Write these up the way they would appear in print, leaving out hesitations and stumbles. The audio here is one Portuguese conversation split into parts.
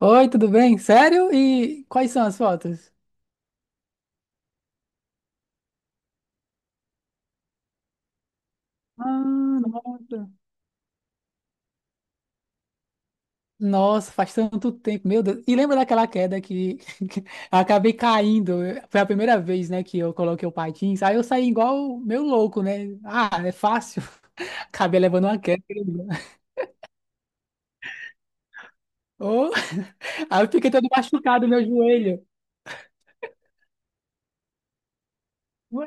Oi, tudo bem? Sério? E quais são as fotos? Ah, nossa. Nossa, faz tanto tempo, meu Deus. E lembra daquela queda que que eu acabei caindo? Foi a primeira vez, né, que eu coloquei o patins. Aí eu saí igual meu louco, né? Ah, é fácil. Acabei levando uma queda. Oh, aí eu fiquei todo machucado, meu joelho. Ué,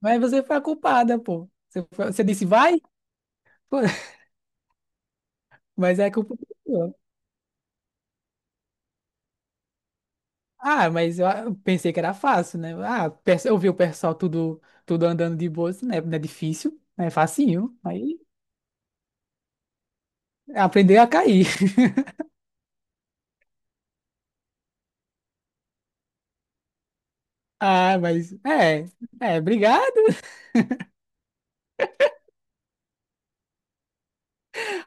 mas você foi a culpada, pô. Você, você disse, vai? Pô, mas é culpa sua. Ah, mas eu pensei que era fácil, né? Ah, eu vi o pessoal tudo, tudo andando de boa, assim, né? Não é difícil, né? É facinho. Aí aprendeu a cair. Ah, mas é, obrigado.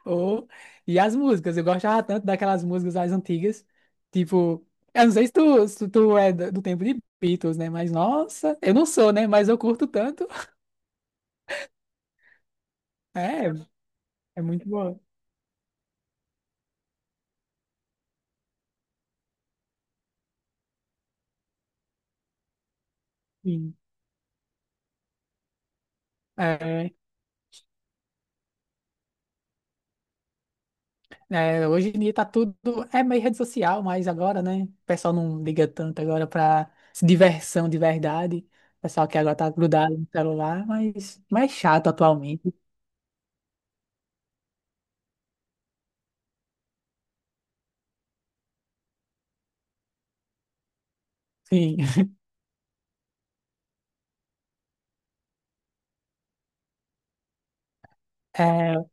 Oh, e as músicas, eu gostava tanto daquelas músicas mais antigas, tipo, eu não sei se tu é do tempo de Beatles, né? Mas nossa, eu não sou, né? Mas eu curto tanto. É, é muito bom. Sim. É. É, hoje em dia tá tudo. É meio rede social, mas agora, né? O pessoal não liga tanto agora pra diversão de verdade. O pessoal que agora tá grudado no celular, mas mais chato atualmente. Sim. É,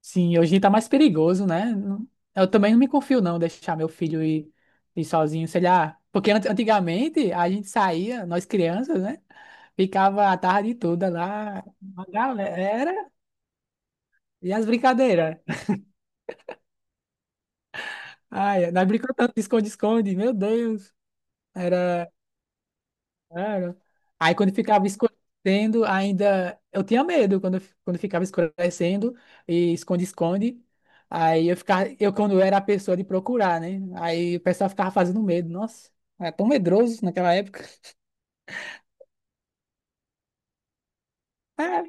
sim, hoje em tá mais perigoso, né? Eu também não me confio, não, deixar meu filho ir, ir sozinho, sei lá. Porque antigamente a gente saía, nós crianças, né? Ficava a tarde toda lá, uma galera, e as brincadeiras. Ai, nós brincamos tanto de esconde-esconde, meu Deus. Era, era. Aí quando ficava escurecendo, ainda. Eu tinha medo quando ficava escurecendo e esconde-esconde. Aí eu ficava. Eu, quando eu era a pessoa de procurar, né? Aí o pessoal ficava fazendo medo. Nossa, era tão medroso naquela época. É,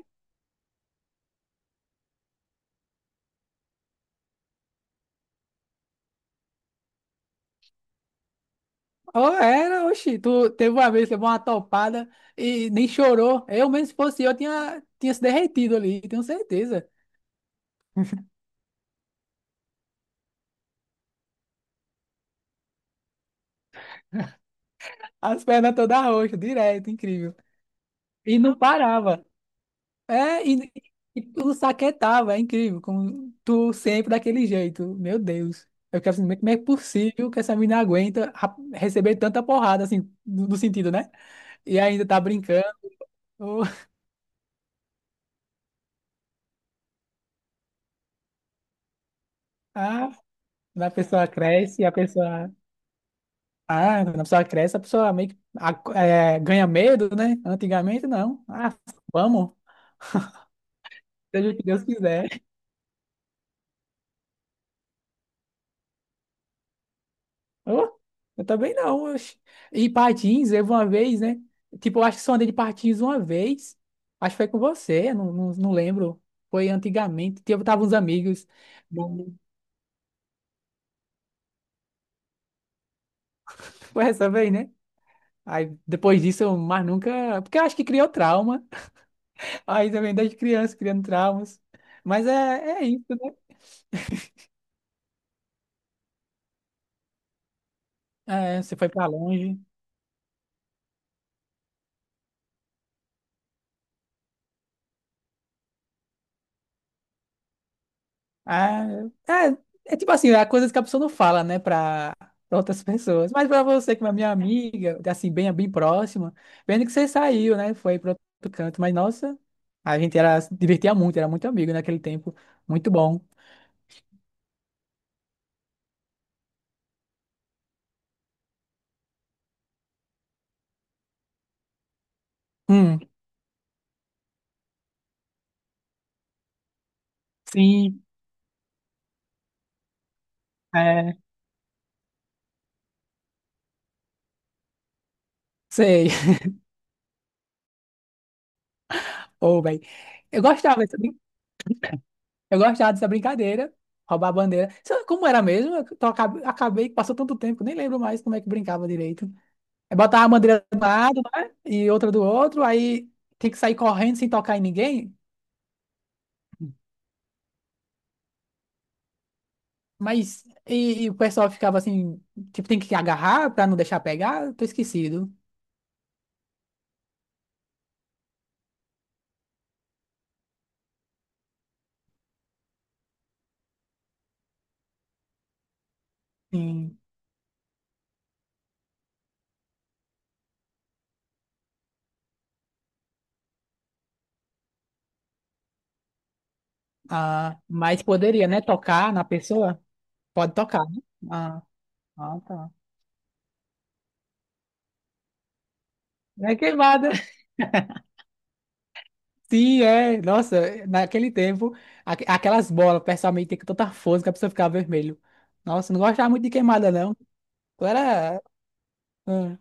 ou era, oxi. Tu teve uma vez, levou uma topada e nem chorou. Eu mesmo, se fosse eu, tinha se derretido ali, tenho certeza. As pernas todas roxas, direto, incrível. E não parava. É, e o saquetava, é incrível, como tu sempre daquele jeito. Meu Deus. Eu quero saber como é possível que essa menina aguenta receber tanta porrada, assim, no sentido, né? E ainda tá brincando. Ah, a pessoa cresce, a pessoa. Ah, quando a pessoa cresce, a pessoa meio que é, ganha medo, né? Antigamente, não. Ah, vamos, seja o que Deus quiser. Ô, eu também não. Oxe. E patins, eu uma vez, né? Tipo, eu acho que só andei de patins uma vez. Acho que foi com você, não, não, não lembro. Foi antigamente. Eu tava uns amigos. Bom, foi essa vez, né? Aí depois disso, eu mais nunca. Porque eu acho que criou trauma. Aí também desde criança, criando traumas. Mas é, é isso, né? É, você foi pra longe. Ah, é, é tipo assim, há coisas que a pessoa não fala, né, pra, pra outras pessoas. Mas pra você, que é minha amiga, assim, bem, bem próxima, vendo que você saiu, né, foi pro outro canto. Mas, nossa, a gente era, se divertia muito, era muito amigo naquele tempo. Muito bom. Hum, sim, é, sei. Ô, bem. Eu gostava dessa, eu gostava dessa brincadeira, roubar a bandeira. Sabe como era mesmo? Eu acabei que passou tanto tempo, nem lembro mais como é que brincava direito. Aí botava a bandeira de um lado, né? E outra do outro, aí tem que sair correndo sem tocar em ninguém. Mas e o pessoal ficava assim, tipo, tem que agarrar pra não deixar pegar? Tô esquecido. Sim. Ah, mas poderia, né? Tocar na pessoa? Pode tocar, né? Ah, ah, tá. É queimada. Sim, é. Nossa, naquele tempo, aquelas bolas, pessoalmente, tem que tem tanta força que a pessoa ficava vermelho. Nossa, não gostava muito de queimada, não. Eu era. Ah,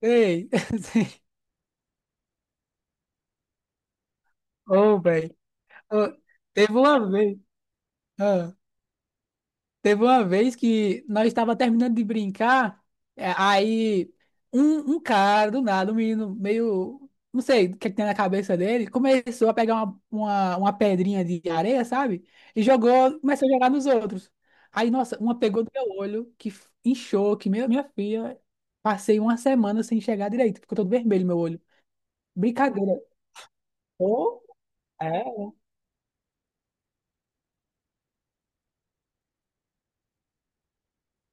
ei. Ô, velho. Ô, Teve uma vez, ah, teve uma vez que nós estava terminando de brincar, é, aí um cara do nada, um menino meio, não sei o que, é que tem na cabeça dele, começou a pegar uma pedrinha de areia, sabe? E jogou, começou a jogar nos outros. Aí, nossa, uma pegou no meu olho, que inchou, que minha filha, passei uma semana sem enxergar direito, ficou todo vermelho meu olho. Brincadeira. Ô, é.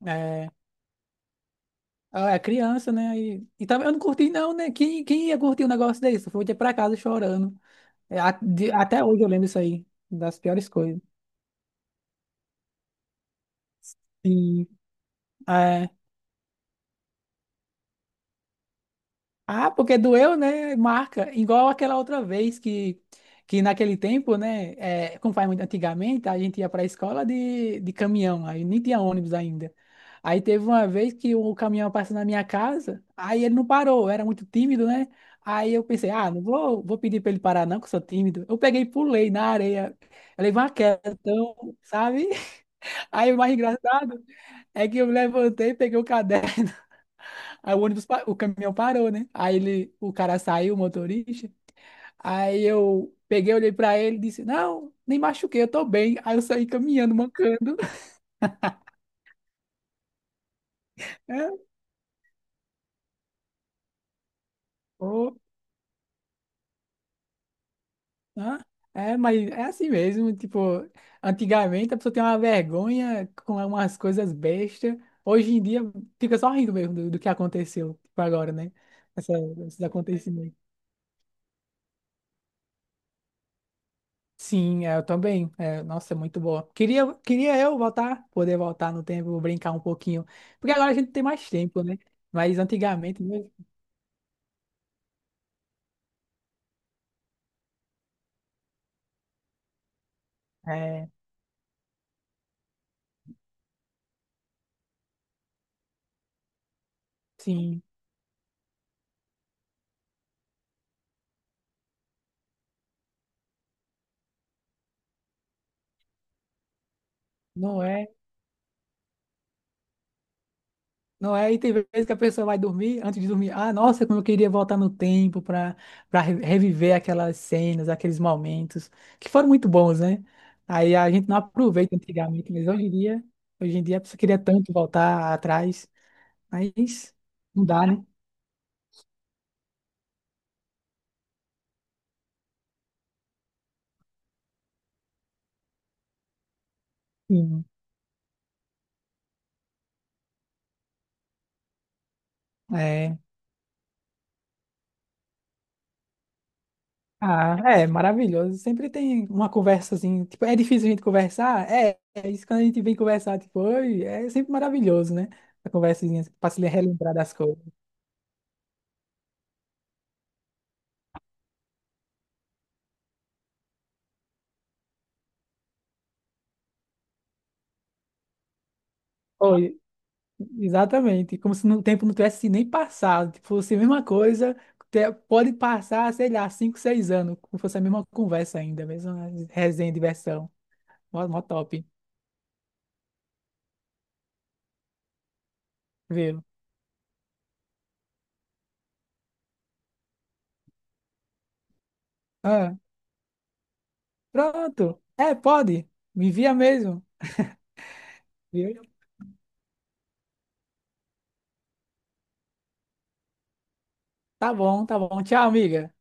É, ah, é criança, né? E também eu não curti, não, né? Quem ia curtir um negócio desse? Eu voltei pra casa chorando. É, até hoje eu lembro isso aí, das piores coisas. Sim. É. Ah, porque doeu, né? Marca. Igual aquela outra vez que naquele tempo, né? É, como faz muito antigamente, a gente ia para a escola de, caminhão, aí nem tinha ônibus ainda. Aí teve uma vez que o caminhão passou na minha casa, aí ele não parou, eu era muito tímido, né? Aí eu pensei, ah, não vou, vou pedir para ele parar, não, que eu sou tímido. Eu peguei e pulei na areia. Eu levei uma queda, então, sabe? Aí o mais engraçado é que eu me levantei, peguei o caderno. Aí o caminhão parou, né? Aí ele, o cara saiu, o motorista. Aí eu peguei, olhei pra ele e disse: Não, nem machuquei, eu tô bem. Aí eu saí caminhando, mancando. É, pô, né? É, mas é assim mesmo. Tipo, antigamente a pessoa tem uma vergonha com umas coisas bestas. Hoje em dia fica só rindo mesmo do que aconteceu, tipo, agora, né? Essa, esses acontecimentos. Sim, é, eu também. É, nossa, é muito boa. Queria eu voltar, poder voltar no tempo, brincar um pouquinho. Porque agora a gente tem mais tempo, né? Mas antigamente, né? É, sim, não é. Não é, e tem vezes que a pessoa vai dormir, antes de dormir, ah, nossa, como eu queria voltar no tempo para reviver aquelas cenas, aqueles momentos, que foram muito bons, né? Aí a gente não aproveita antigamente, mas hoje em dia a pessoa queria tanto voltar atrás, mas não dá, né? Sim, é. Ah, é maravilhoso. Sempre tem uma conversa assim. Tipo, é difícil a gente conversar? É isso quando a gente vem conversar, tipo, oi, é sempre maravilhoso, né? A conversinha para se relembrar das coisas. Oi, exatamente. Como se o tempo não tivesse nem passado. Tipo, fosse a mesma coisa, pode passar, sei lá, 5, 6 anos, como fosse a mesma conversa ainda, a mesma resenha, diversão. Mó, mó top, viu? Ah, pronto. É, pode. Me envia mesmo, viu? Tá bom, tá bom. Tchau, amiga.